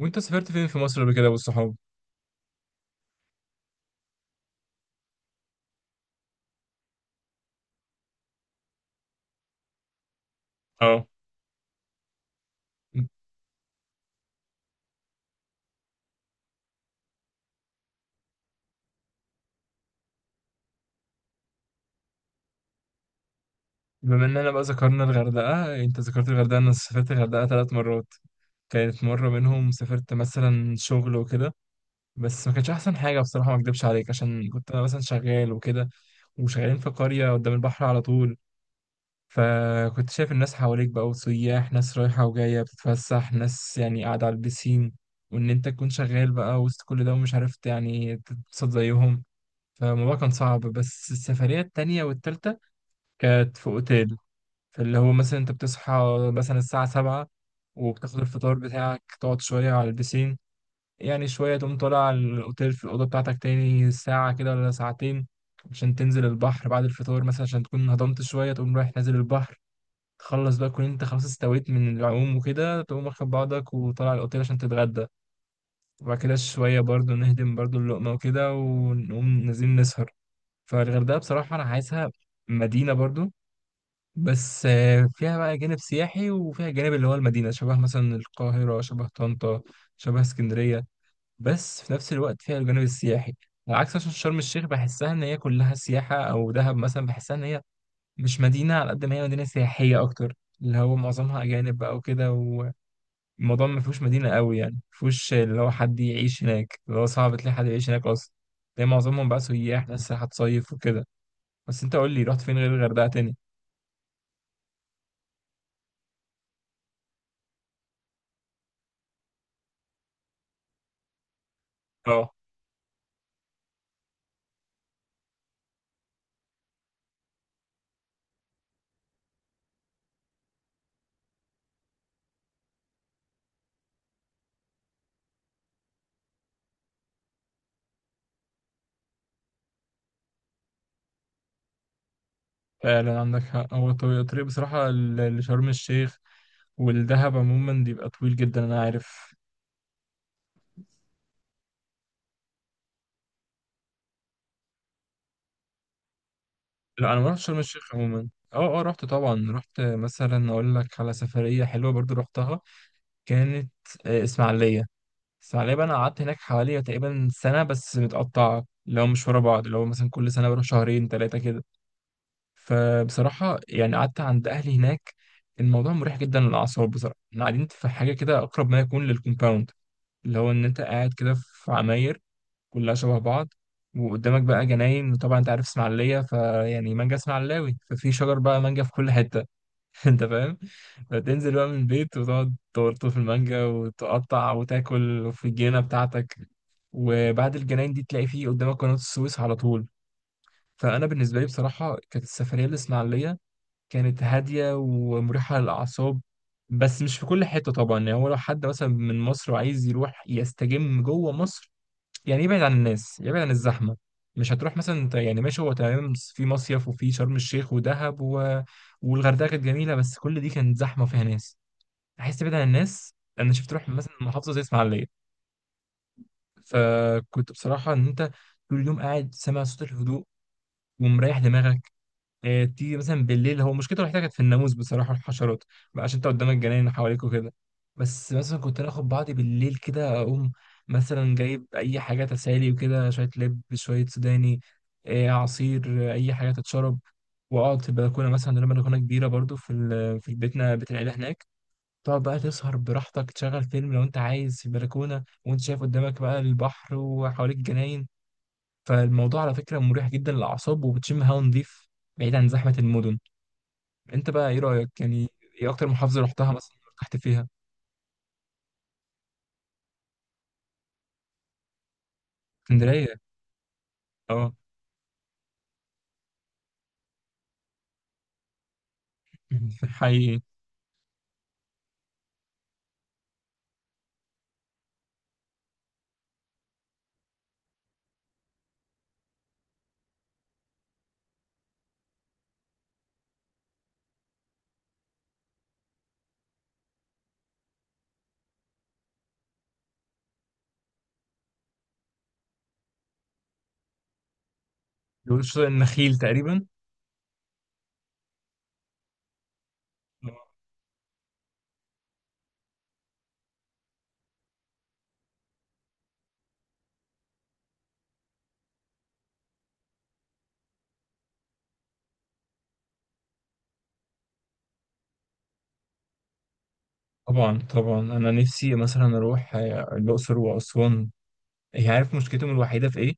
وانت سافرت فين في مصر قبل كده والصحاب؟ اه، بما اننا بقى ذكرنا الغردقة، انت ذكرت الغردقة، انا سافرت الغردقة 3 مرات. كانت مرة منهم سافرت مثلا شغل وكده، بس ما كانش احسن حاجة بصراحة، ما اكدبش عليك عشان كنت انا مثلا شغال وكده، وشغالين في قرية قدام البحر على طول. فكنت شايف الناس حواليك بقى، وسياح، ناس رايحة وجاية بتتفسح، ناس يعني قاعدة على البسين، وإن أنت تكون شغال بقى وسط كل ده ومش عرفت يعني تتبسط زيهم. فالموضوع كان صعب. بس السفرية التانية والتالتة كانت في اوتيل، فاللي هو مثلا انت بتصحى مثلا الساعة 7، وبتاخد الفطار بتاعك، تقعد شوية على البسين، يعني شوية تقوم طالع على الأوتيل في الأوضة بتاعتك تاني ساعة كده ولا ساعتين، عشان تنزل البحر بعد الفطار مثلا عشان تكون هضمت شوية، تقوم رايح نازل البحر، تخلص بقى كون انت خلاص استويت من العوم وكده، تقوم واخد بعضك وطالع الأوتيل عشان تتغدى، وبعد كده شوية برضو نهدم برضو اللقمة وكده، ونقوم نازلين نسهر. فالغردقة بصراحة أنا عايزها مدينة برضو، بس فيها بقى جانب سياحي، وفيها جانب اللي هو المدينة، شبه مثلا القاهرة، شبه طنطا، شبه اسكندرية، بس في نفس الوقت فيها الجانب السياحي. على عكس مثلا شرم الشيخ بحسها إن هي كلها سياحة، أو دهب مثلا بحسها إن هي مش مدينة على قد ما هي مدينة سياحية أكتر، اللي هو معظمها أجانب بقى وكده، والموضوع ما فيهوش مدينة قوي، يعني ما فيهوش اللي هو حد يعيش هناك، اللي هو صعب تلاقي حد يعيش هناك أصلا، تلاقي معظمهم بقى سياح، ناس رايحة تصيف وكده. بس أنت قول لي، رحت فين غير الغردقة تاني؟ اه، فعلا عندك حق، هو الطريق بصراحة لشرم الشيخ والدهب عموما بيبقى طويل جدا، أنا عارف. لا، أنا ما رحتش شرم الشيخ عموما. اه اه، رحت طبعا، رحت مثلا، أقول لك على سفرية حلوة برضو رحتها، كانت إسماعيلية. إسماعيلية بقى أنا قعدت هناك حوالي تقريبا سنة، بس متقطعة، اللي هو مش ورا بعض، اللي هو مثلا كل سنة بروح شهرين تلاتة كده. فبصراحة يعني قعدت عند أهلي هناك. الموضوع مريح جدا للأعصاب بصراحة. احنا قاعدين في حاجة كده أقرب ما يكون للكومباوند، لو ان انت قاعد كده في عماير كلها شبه بعض، وقدامك بقى جناين، وطبعا انت عارف اسماعيليه فيعني مانجا اسماعيلاوي، ففي شجر بقى مانجا في كل حته. انت فاهم. فتنزل بقى من البيت وتقعد تورطه في المانجا وتقطع وتاكل في الجنينه بتاعتك، وبعد الجناين دي تلاقي فيه قدامك قناة السويس على طول. فأنا بالنسبة لي بصراحة كانت السفرية الإسماعيلية كانت هادية ومريحة للأعصاب. بس مش في كل حتة طبعا، يعني هو لو حد مثلا من مصر وعايز يروح يستجم جوه مصر، يعني يبعد عن الناس، يبعد عن الزحمة، مش هتروح مثلا انت، يعني ماشي هو تمام في مصيف وفي شرم الشيخ ودهب و... والغردقة كانت جميلة، بس كل دي كانت زحمة وفيها ناس، عايز تبعد عن الناس. انا شفت روح مثلا محافظة زي اسماعيلية. فكنت بصراحة ان انت طول اليوم قاعد سامع صوت الهدوء ومريح دماغك. تيجي مثلا بالليل، هو مشكلته الوحيده كانت في الناموس بصراحه والحشرات بقى، عشان انت قدامك جناين حواليك وكده. بس مثلا كنت انا اخد بعضي بالليل كده، اقوم مثلا جايب اي حاجه تسالي وكده، شويه لب، شويه سوداني، عصير، اي حاجه تتشرب، واقعد في البلكونه مثلا، لما البلكونه كبيره برضو في في بيتنا، بيت العيله هناك، تقعد بقى تسهر براحتك، تشغل فيلم لو انت عايز في البلكونه، وانت شايف قدامك بقى البحر، وحواليك جناين. فالموضوع على فكره مريح جدا للاعصاب، وبتشم هوا نضيف، بعيد عن زحمه المدن. انت بقى ايه رأيك يعني؟ ايه اكتر محافظة رحتها مثلا ارتحت فيها؟ اسكندرية، اه. حقيقي. بيقولوا شاطئ النخيل تقريبا. آه. طبعا طبعا، انا نفسي مثلا اروح الاقصر واسوان. هي عارف مشكلتهم الوحيدة في ايه؟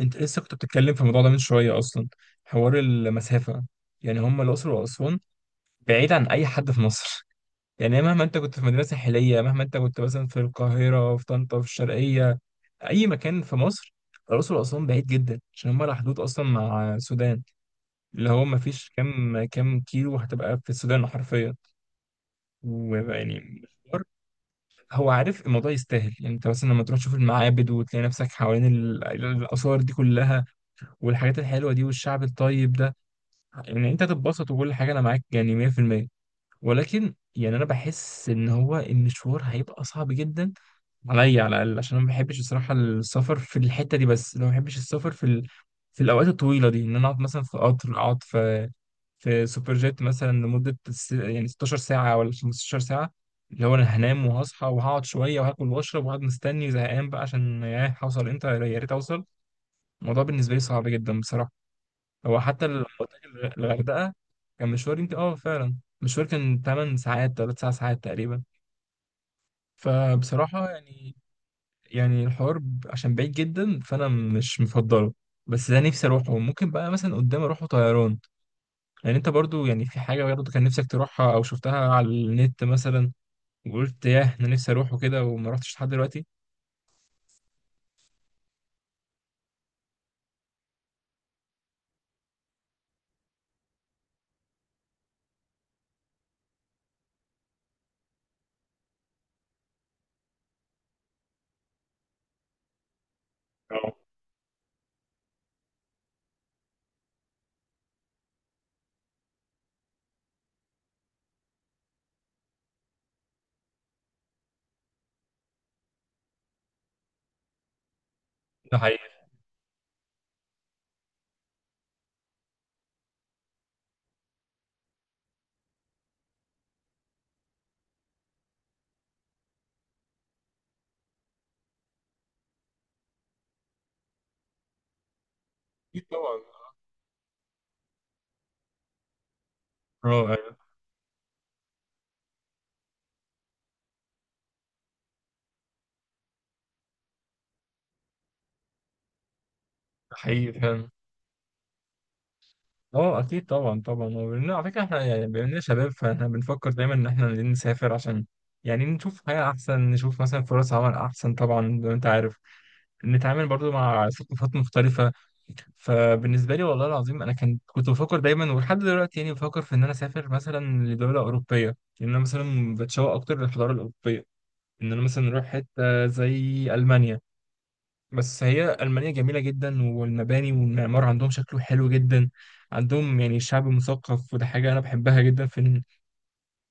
انت لسه كنت بتتكلم في الموضوع ده من شوية اصلا، حوار المسافة. يعني هم الاقصر واسوان بعيد عن اي حد في مصر. يعني مهما انت كنت في مدينة ساحلية، مهما انت كنت مثلا في القاهرة، في طنطا، في الشرقية، اي مكان في مصر، الاقصر واسوان بعيد جدا عشان هم على حدود اصلا مع السودان، اللي هو ما فيش كام كيلو هتبقى في السودان حرفيا. ويعني مشوار. هو عارف الموضوع يستاهل، يعني انت مثلا لما تروح تشوف المعابد وتلاقي نفسك حوالين الاثار دي كلها، والحاجات الحلوه دي، والشعب الطيب ده، يعني انت هتتبسط، وكل حاجه انا معاك يعني 100%. ولكن يعني انا بحس ان هو المشوار هيبقى صعب جدا عليا على الاقل، عشان انا ما بحبش الصراحه السفر في الحته دي. بس لو ما بحبش السفر في ال... في الاوقات الطويله دي، ان انا اقعد مثلا في قطر، اقعد في سوبر جيت مثلا لمده يعني 16 ساعه ولا 15 ساعه، اللي هو انا هنام وهصحى وهقعد شويه وهاكل واشرب، وهقعد مستني زهقان بقى عشان ياه هوصل امتى، يا ريت اوصل. الموضوع بالنسبه لي صعب جدا بصراحه. هو حتى لما قلت لك الغردقه، كان مشوار، يمكن اه فعلا مشوار كان 8 ساعات، 3 ساعات تقريبا. فبصراحه يعني، الحوار عشان بعيد جدا، فانا مش مفضله. بس ده نفسي اروحه، ممكن بقى مثلا قدام اروحه طيران. يعني انت برضو يعني في حاجه برضو كان نفسك تروحها او شفتها على النت مثلا، وقلت ياه انا نفسي اروحه كده وما رحتش لحد دلوقتي؟ اه. ده حقيقي. اكيد طبعا. اه، أيوة، ده حقيقي فعلا. اه، اكيد طبعا طبعا، على فكره احنا يعني بما اننا شباب، فاحنا بنفكر دايما ان احنا عايزين نسافر عشان يعني نشوف حياه احسن، نشوف مثلا فرص عمل احسن طبعا زي ما انت عارف، نتعامل برضو مع ثقافات مختلفة. فبالنسبة لي والله العظيم أنا كنت بفكر دايما، ولحد دلوقتي يعني بفكر في إن أنا أسافر مثلا لدولة أوروبية، لأن أنا مثلا بتشوق أكتر للحضارة الأوروبية، إن أنا مثلا أروح حتة زي ألمانيا. بس هي ألمانيا جميلة جدا، والمباني والمعمار عندهم شكله حلو جدا، عندهم يعني شعب مثقف، وده حاجة أنا بحبها جدا. في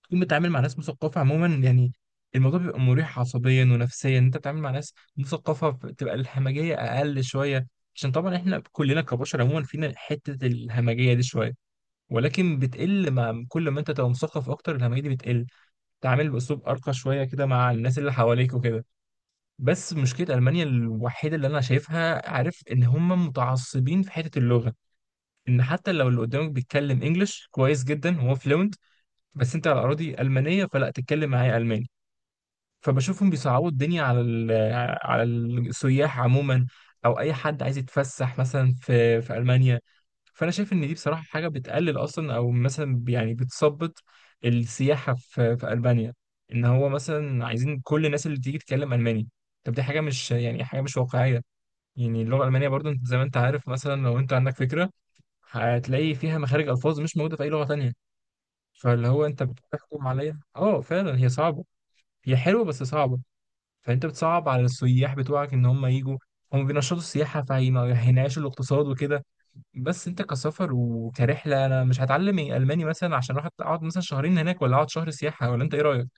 تكون بتتعامل مع ناس مثقفة عموما، يعني الموضوع بيبقى مريح عصبيا ونفسيا، إن انت بتتعامل مع ناس مثقفة بتبقى الهمجية اقل شوية، عشان طبعا احنا كلنا كبشر عموما فينا حتة الهمجية دي شوية، ولكن بتقل مع كل ما انت تبقى مثقف اكتر، الهمجية دي بتقل، تعامل باسلوب ارقى شوية كده مع الناس اللي حواليك وكده. بس مشكلة المانيا الوحيدة اللي انا شايفها، عارف ان هم متعصبين في حتة اللغة، ان حتى لو اللي قدامك بيتكلم انجلش كويس جدا، هو فلوينت، بس انت على اراضي المانية فلا تتكلم معايا الماني. فبشوفهم بيصعبوا الدنيا على على السياح عموما، او اي حد عايز يتفسح مثلا في المانيا. فانا شايف ان دي بصراحه حاجه بتقلل اصلا، او مثلا يعني بتثبط السياحه في المانيا، ان هو مثلا عايزين كل الناس اللي بتيجي تتكلم الماني. طب دي حاجه مش يعني حاجه مش واقعيه. يعني اللغه الالمانيه برضو انت زي ما انت عارف، مثلا لو انت عندك فكره هتلاقي فيها مخارج الفاظ مش موجوده في اي لغه تانية. فاللي هو انت بتحكم عليها، اه فعلا هي صعبه. هي حلوه بس صعبه. فانت بتصعب على السياح بتوعك ان هم يجوا، هم بينشطوا السياحه فهينعشوا الاقتصاد وكده. بس انت كسفر وكرحله انا مش هتعلم الماني مثلا عشان اروح اقعد مثلا شهرين هناك ولا اقعد شهر سياحه، ولا انت ايه رايك؟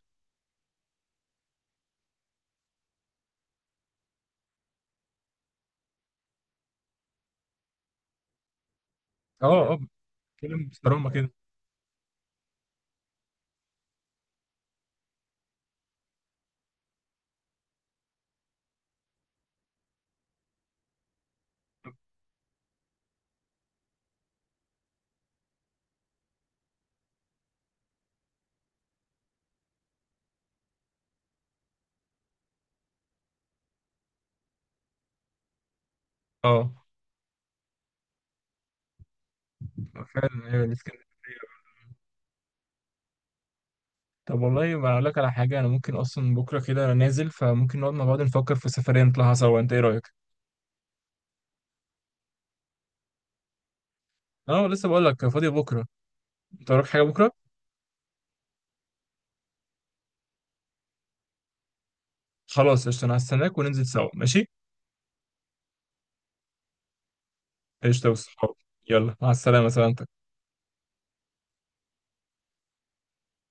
اه اه، بتكلم بصرامه كده. اه، فعلا ايوه الاسكندريه. طب والله ما اقول لك على حاجه، انا ممكن اصلا بكره كده انا نازل، فممكن نقعد مع بعض نفكر في سفريه نطلعها سوا، انت ايه رايك؟ اه، لسه بقول لك فاضي بكره. انت وراك حاجه بكره؟ خلاص قشطه، انا هستناك وننزل سوا، ماشي؟ قشطه يا أستاذ. يلا مع السلامه، سلامتك.